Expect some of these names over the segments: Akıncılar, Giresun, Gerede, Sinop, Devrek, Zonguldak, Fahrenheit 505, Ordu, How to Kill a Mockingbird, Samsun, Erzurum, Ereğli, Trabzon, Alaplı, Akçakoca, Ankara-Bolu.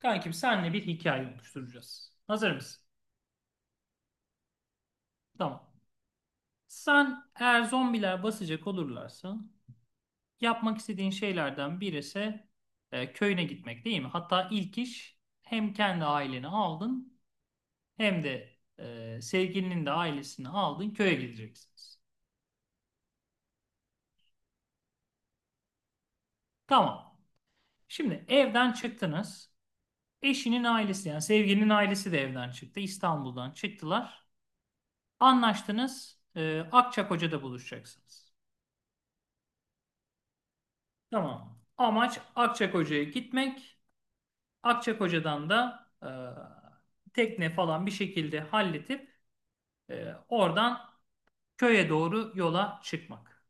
Kankim senle bir hikaye oluşturacağız. Hazır mısın? Tamam. Sen eğer zombiler basacak olurlarsa yapmak istediğin şeylerden birisi köyüne gitmek değil mi? Hatta ilk iş hem kendi aileni aldın hem de sevgilinin de ailesini aldın köye gideceksiniz. Tamam. Şimdi evden çıktınız. Eşinin ailesi yani sevgilinin ailesi de evden çıktı. İstanbul'dan çıktılar. Anlaştınız. Akçakoca'da buluşacaksınız. Tamam. Amaç Akçakoca'ya gitmek. Akçakoca'dan da tekne falan bir şekilde halletip oradan köye doğru yola çıkmak.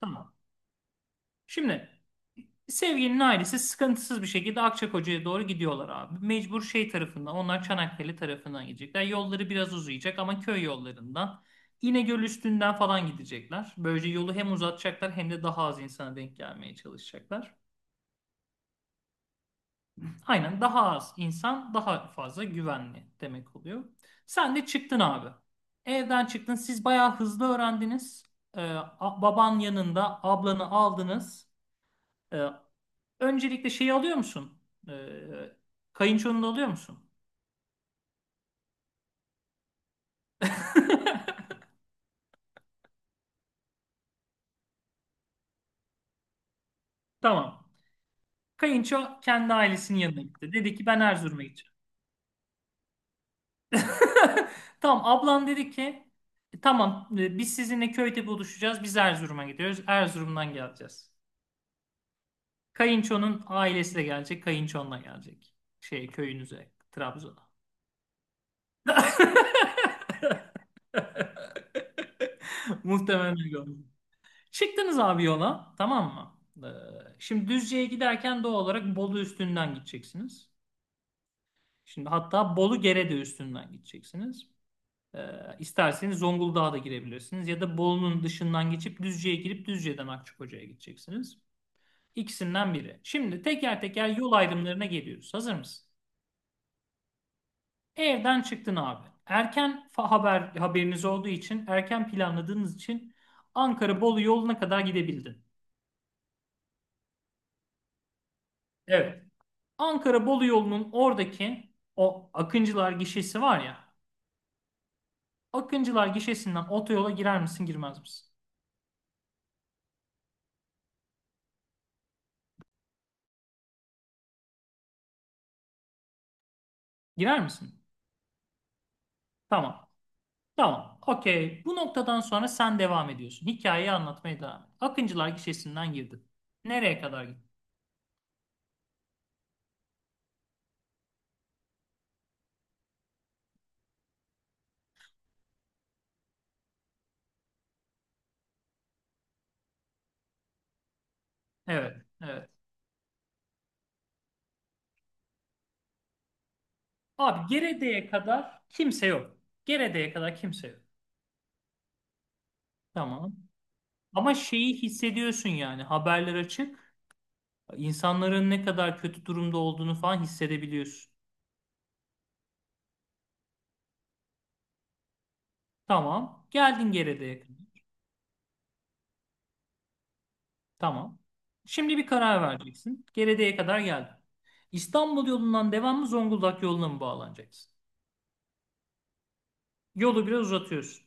Tamam. Şimdi sevgilinin ailesi sıkıntısız bir şekilde Akçakoca'ya doğru gidiyorlar abi. Mecbur şey tarafından onlar Çanakkale tarafından gidecekler. Yolları biraz uzayacak ama köy yollarından İnegöl üstünden falan gidecekler. Böylece yolu hem uzatacaklar hem de daha az insana denk gelmeye çalışacaklar. Aynen daha az insan daha fazla güvenli demek oluyor. Sen de çıktın abi. Evden çıktın. Siz bayağı hızlı öğrendiniz. Ee, Baban yanında ablanı aldınız. Ee, öncelikle şeyi alıyor musun? Ee, kayınçonu da alıyor musun? Tamam. Kayınço kendi ailesinin yanına gitti. Dedi ki ben Erzurum'a gideceğim. Tamam ablan dedi ki tamam biz sizinle köyde buluşacağız. Biz Erzurum'a gidiyoruz. Erzurum'dan geleceğiz. Kayınço'nun ailesi de gelecek. Kayınçonla gelecek. Şey köyünüze. Trabzon'a. Muhtemelen öyle olur. Çıktınız abi yola. Tamam mı? Ee, şimdi Düzce'ye giderken doğal olarak Bolu üstünden gideceksiniz. Şimdi hatta Bolu Gerede üstünden gideceksiniz. Ee, isterseniz Zonguldak'a da girebilirsiniz. Ya da Bolu'nun dışından geçip Düzce'ye girip Düzce'den Akçakoca'ya gideceksiniz. İkisinden biri. Şimdi teker teker yol ayrımlarına geliyoruz. Hazır mısın? Evden çıktın abi. Haberiniz olduğu için, erken planladığınız için Ankara-Bolu yoluna kadar gidebildin. Evet. Ankara-Bolu yolunun oradaki o Akıncılar gişesi var ya. Akıncılar gişesinden otoyola girer misin, girmez misin? Girer misin? Tamam. Tamam. Okey. Bu noktadan sonra sen devam ediyorsun. Hikayeyi anlatmaya devam et. Akıncılar gişesinden girdin. Nereye kadar gittin? Evet. Evet. Abi Gerede'ye kadar kimse yok. Gerede'ye kadar kimse yok. Tamam. Ama şeyi hissediyorsun yani haberler açık. İnsanların ne kadar kötü durumda olduğunu falan hissedebiliyorsun. Tamam. Geldin Gerede'ye kadar. Tamam. Şimdi bir karar vereceksin. Gerede'ye kadar geldin. İstanbul yolundan devam mı Zonguldak yoluna mı bağlanacaksın? Yolu biraz uzatıyorsun.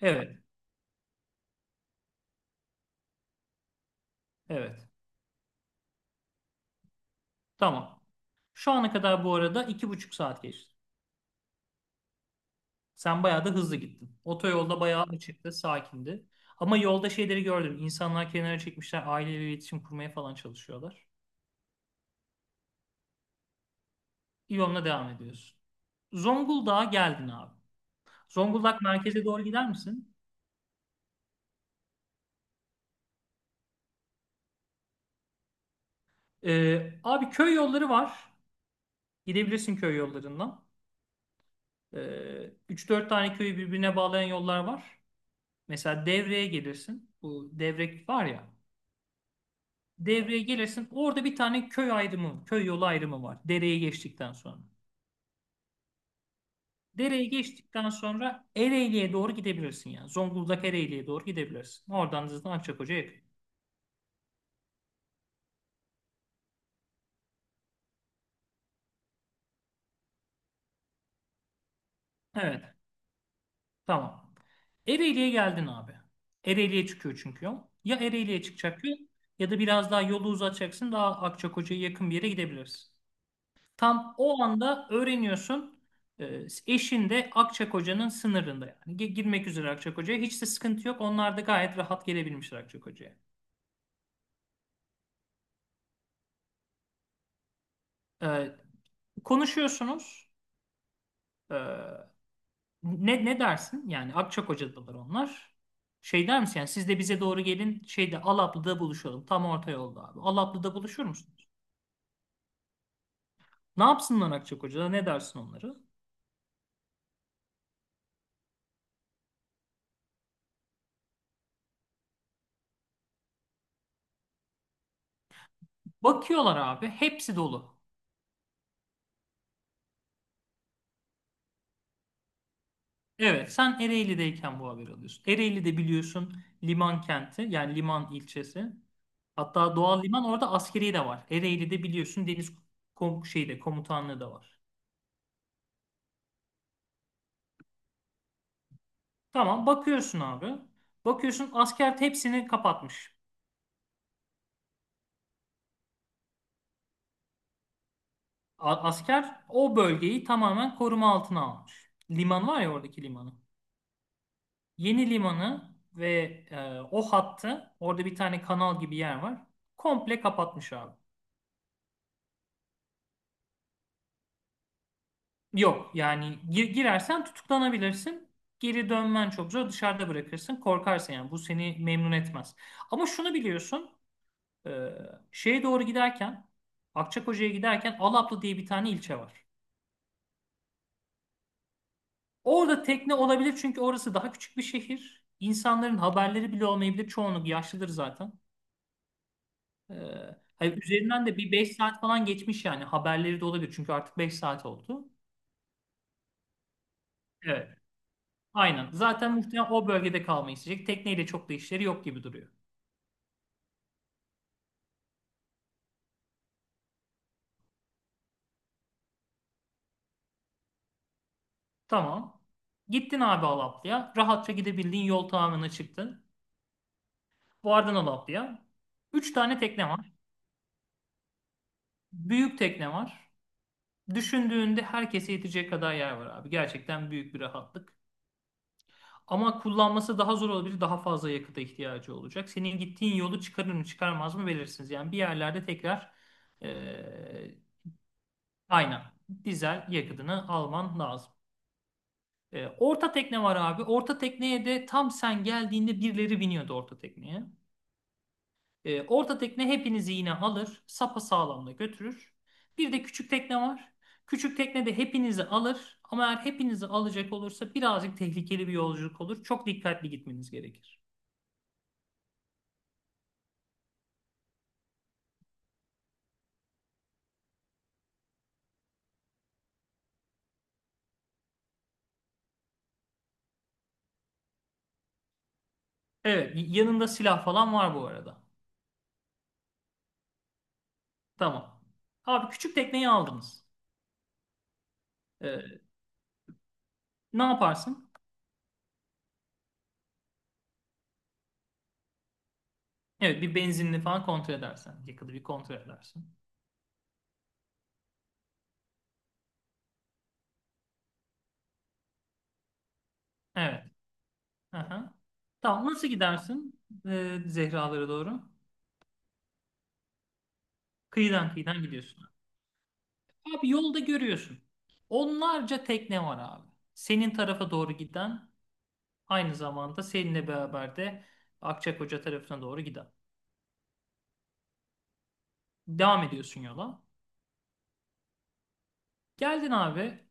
Evet. Evet. Tamam. Şu ana kadar bu arada iki buçuk saat geçti. Sen bayağı da hızlı gittin. Otoyolda bayağı açıktı, sakindi. Ama yolda şeyleri gördüm. İnsanlar kenara çekmişler, aileyle iletişim kurmaya falan çalışıyorlar. İvon'la devam ediyorsun. Zonguldak'a geldin abi. Zonguldak merkeze doğru gider misin? Abi köy yolları var. Gidebilirsin köy yollarından. Ee, 3-4 tane köyü birbirine bağlayan yollar var. Mesela Devre'ye gelirsin. Bu Devrek var ya. Devre'ye gelirsin. Orada bir tane köy ayrımı, köy yolu ayrımı var. Dereyi geçtikten sonra. Dereyi geçtikten sonra Ereğli'ye doğru gidebilirsin ya. Zonguldak Ereğli'ye doğru gidebilirsin. Oradan zaten Akçakoca'ya yakın. Evet. Tamam. Ereğli'ye geldin abi. Ereğli'ye çıkıyor çünkü yol. Ya Ereğli'ye çıkacak yol ya da biraz daha yolu uzatacaksın. Daha Akçakoca'ya yakın bir yere gidebilirsin. Tam o anda öğreniyorsun. e, Eşin de Akçakoca'nın sınırında yani. Girmek üzere Akçakoca'ya. Hiç de sıkıntı yok. Onlar da gayet rahat gelebilmişler Akçakoca'ya. E, konuşuyorsunuz. E, ne dersin? Yani Akçakoca'dalar onlar. Şey der misin? Yani siz de bize doğru gelin şeyde Alaplı'da buluşalım. Tam orta yolda abi. Alaplı'da buluşur musunuz? Ne yapsınlar Akçak Hoca'da? Ne dersin onları? Bakıyorlar abi. Hepsi dolu. Evet sen Ereğli'deyken bu haberi alıyorsun. Ereğli'de biliyorsun liman kenti yani liman ilçesi. Hatta doğal liman orada askeri de var. Ereğli'de biliyorsun deniz şeyde komutanlığı da var. Tamam bakıyorsun abi. Bakıyorsun asker hepsini kapatmış. Asker o bölgeyi tamamen koruma altına almış. Liman var ya oradaki limanı. Yeni limanı ve o hattı orada bir tane kanal gibi yer var. Komple kapatmış abi. Yok yani girersen tutuklanabilirsin. Geri dönmen çok zor. Dışarıda bırakırsın. Korkarsın yani. Bu seni memnun etmez. Ama şunu biliyorsun. e, şeye doğru giderken Akçakoca'ya giderken Alaplı diye bir tane ilçe var. Orada tekne olabilir çünkü orası daha küçük bir şehir. İnsanların haberleri bile olmayabilir. Çoğunluk yaşlıdır zaten. Ee, hani üzerinden de bir 5 saat falan geçmiş yani. Haberleri de olabilir çünkü artık 5 saat oldu. Evet. Aynen. Zaten muhtemelen o bölgede kalmayı isteyecek. Tekneyle çok da işleri yok gibi duruyor. Tamam. Gittin abi Alaplı'ya. Rahatça gidebildiğin yol tamamına çıktın. Vardın Alaplı'ya. 3 tane tekne var. Büyük tekne var. Düşündüğünde herkese yetecek kadar yer var abi. Gerçekten büyük bir rahatlık. Ama kullanması daha zor olabilir. Daha fazla yakıta ihtiyacı olacak. Senin gittiğin yolu çıkarır mı çıkarmaz mı belirsiniz. Yani bir yerlerde tekrar e, aynen dizel yakıtını alman lazım. Orta tekne var abi. Orta tekneye de tam sen geldiğinde birileri biniyordu orta tekneye. Orta tekne hepinizi yine alır. Sapa sağlamla götürür. Bir de küçük tekne var. Küçük tekne de hepinizi alır. Ama eğer hepinizi alacak olursa birazcık tehlikeli bir yolculuk olur. Çok dikkatli gitmeniz gerekir. Evet, yanında silah falan var bu arada. Tamam. Abi küçük tekneyi aldınız. Ee, ne yaparsın? Evet, bir benzinli falan kontrol edersen. Yakıtı bir kontrol edersin. Evet. Aha. Tamam, nasıl gidersin? Zehralara doğru. Kıyıdan kıyıdan gidiyorsun. Abi yolda görüyorsun. Onlarca tekne var abi. Senin tarafa doğru giden, aynı zamanda seninle beraber de Akçakoca tarafına doğru giden. Devam ediyorsun yola. Geldin abi.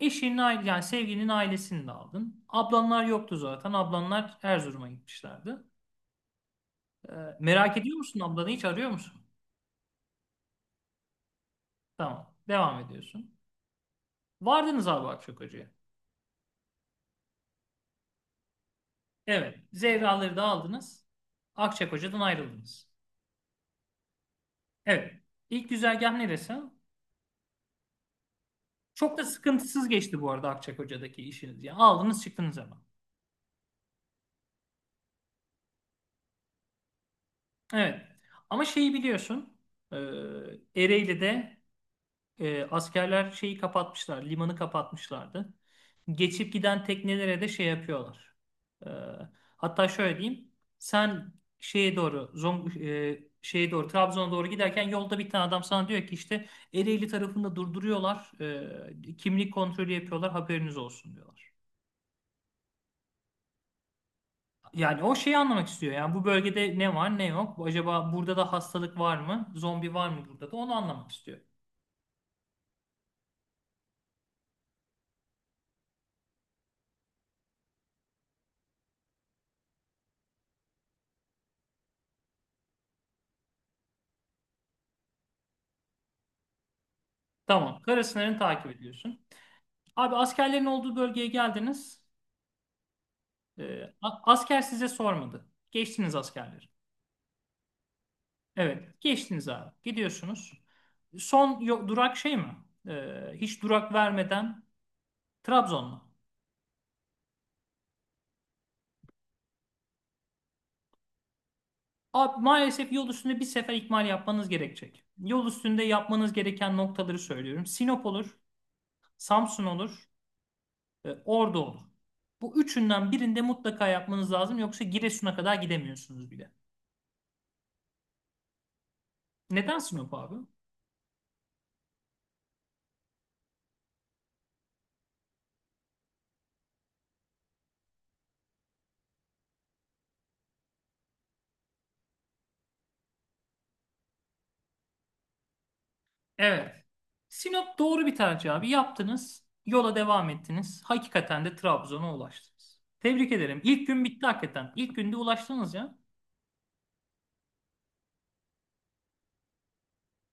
Eşinin aile yani sevgilinin ailesini de aldın. Ablanlar yoktu zaten. Ablanlar Erzurum'a gitmişlerdi. Ee, merak ediyor musun ablanı hiç arıyor musun? Tamam. Devam ediyorsun. Vardınız abi Akçakoca'ya. Evet. Zevraları da aldınız. Akçakoca'dan ayrıldınız. Evet. İlk güzergah neresi? Çok da sıkıntısız geçti bu arada Akçakoca'daki işiniz. Yani aldınız çıktınız hemen. Evet. Ama şeyi biliyorsun. E, Ereğli'de askerler şeyi kapatmışlar, limanı kapatmışlardı. Geçip giden teknelere de şey yapıyorlar. E, hatta şöyle diyeyim. Sen şeye doğru, Trabzon'a doğru giderken yolda bir tane adam sana diyor ki işte Ereğli tarafında durduruyorlar. Kimlik kontrolü yapıyorlar, haberiniz olsun diyorlar. Yani o şeyi anlamak istiyor. Yani bu bölgede ne var ne yok. Acaba burada da hastalık var mı? Zombi var mı burada da? Onu anlamak istiyor. Tamam. Kara takip ediyorsun. Abi askerlerin olduğu bölgeye geldiniz. Asker size sormadı. Geçtiniz askerleri. Evet, geçtiniz abi. Gidiyorsunuz. Durak şey mi? Hiç durak vermeden Trabzon mu? Abi, maalesef yol üstünde bir sefer ikmal yapmanız gerekecek. Yol üstünde yapmanız gereken noktaları söylüyorum. Sinop olur, Samsun olur, Ordu olur. Bu üçünden birinde mutlaka yapmanız lazım. Yoksa Giresun'a kadar gidemiyorsunuz bile. Neden Sinop abi? Evet. Sinop doğru bir tercih abi. Yaptınız. Yola devam ettiniz. Hakikaten de Trabzon'a ulaştınız. Tebrik ederim. İlk gün bitti hakikaten. İlk günde ulaştınız ya.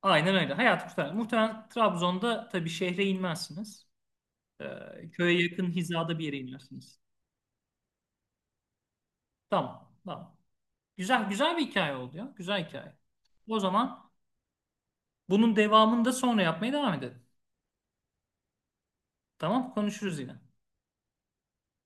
Aynen öyle. Hayat kurtar. Muhtemelen Trabzon'da tabii şehre inmezsiniz. Köye yakın hizada bir yere inersiniz. Tamam. Tamam. Güzel güzel bir hikaye oldu ya. Güzel hikaye. O zaman bunun devamını da sonra yapmaya devam edelim. Tamam, konuşuruz yine.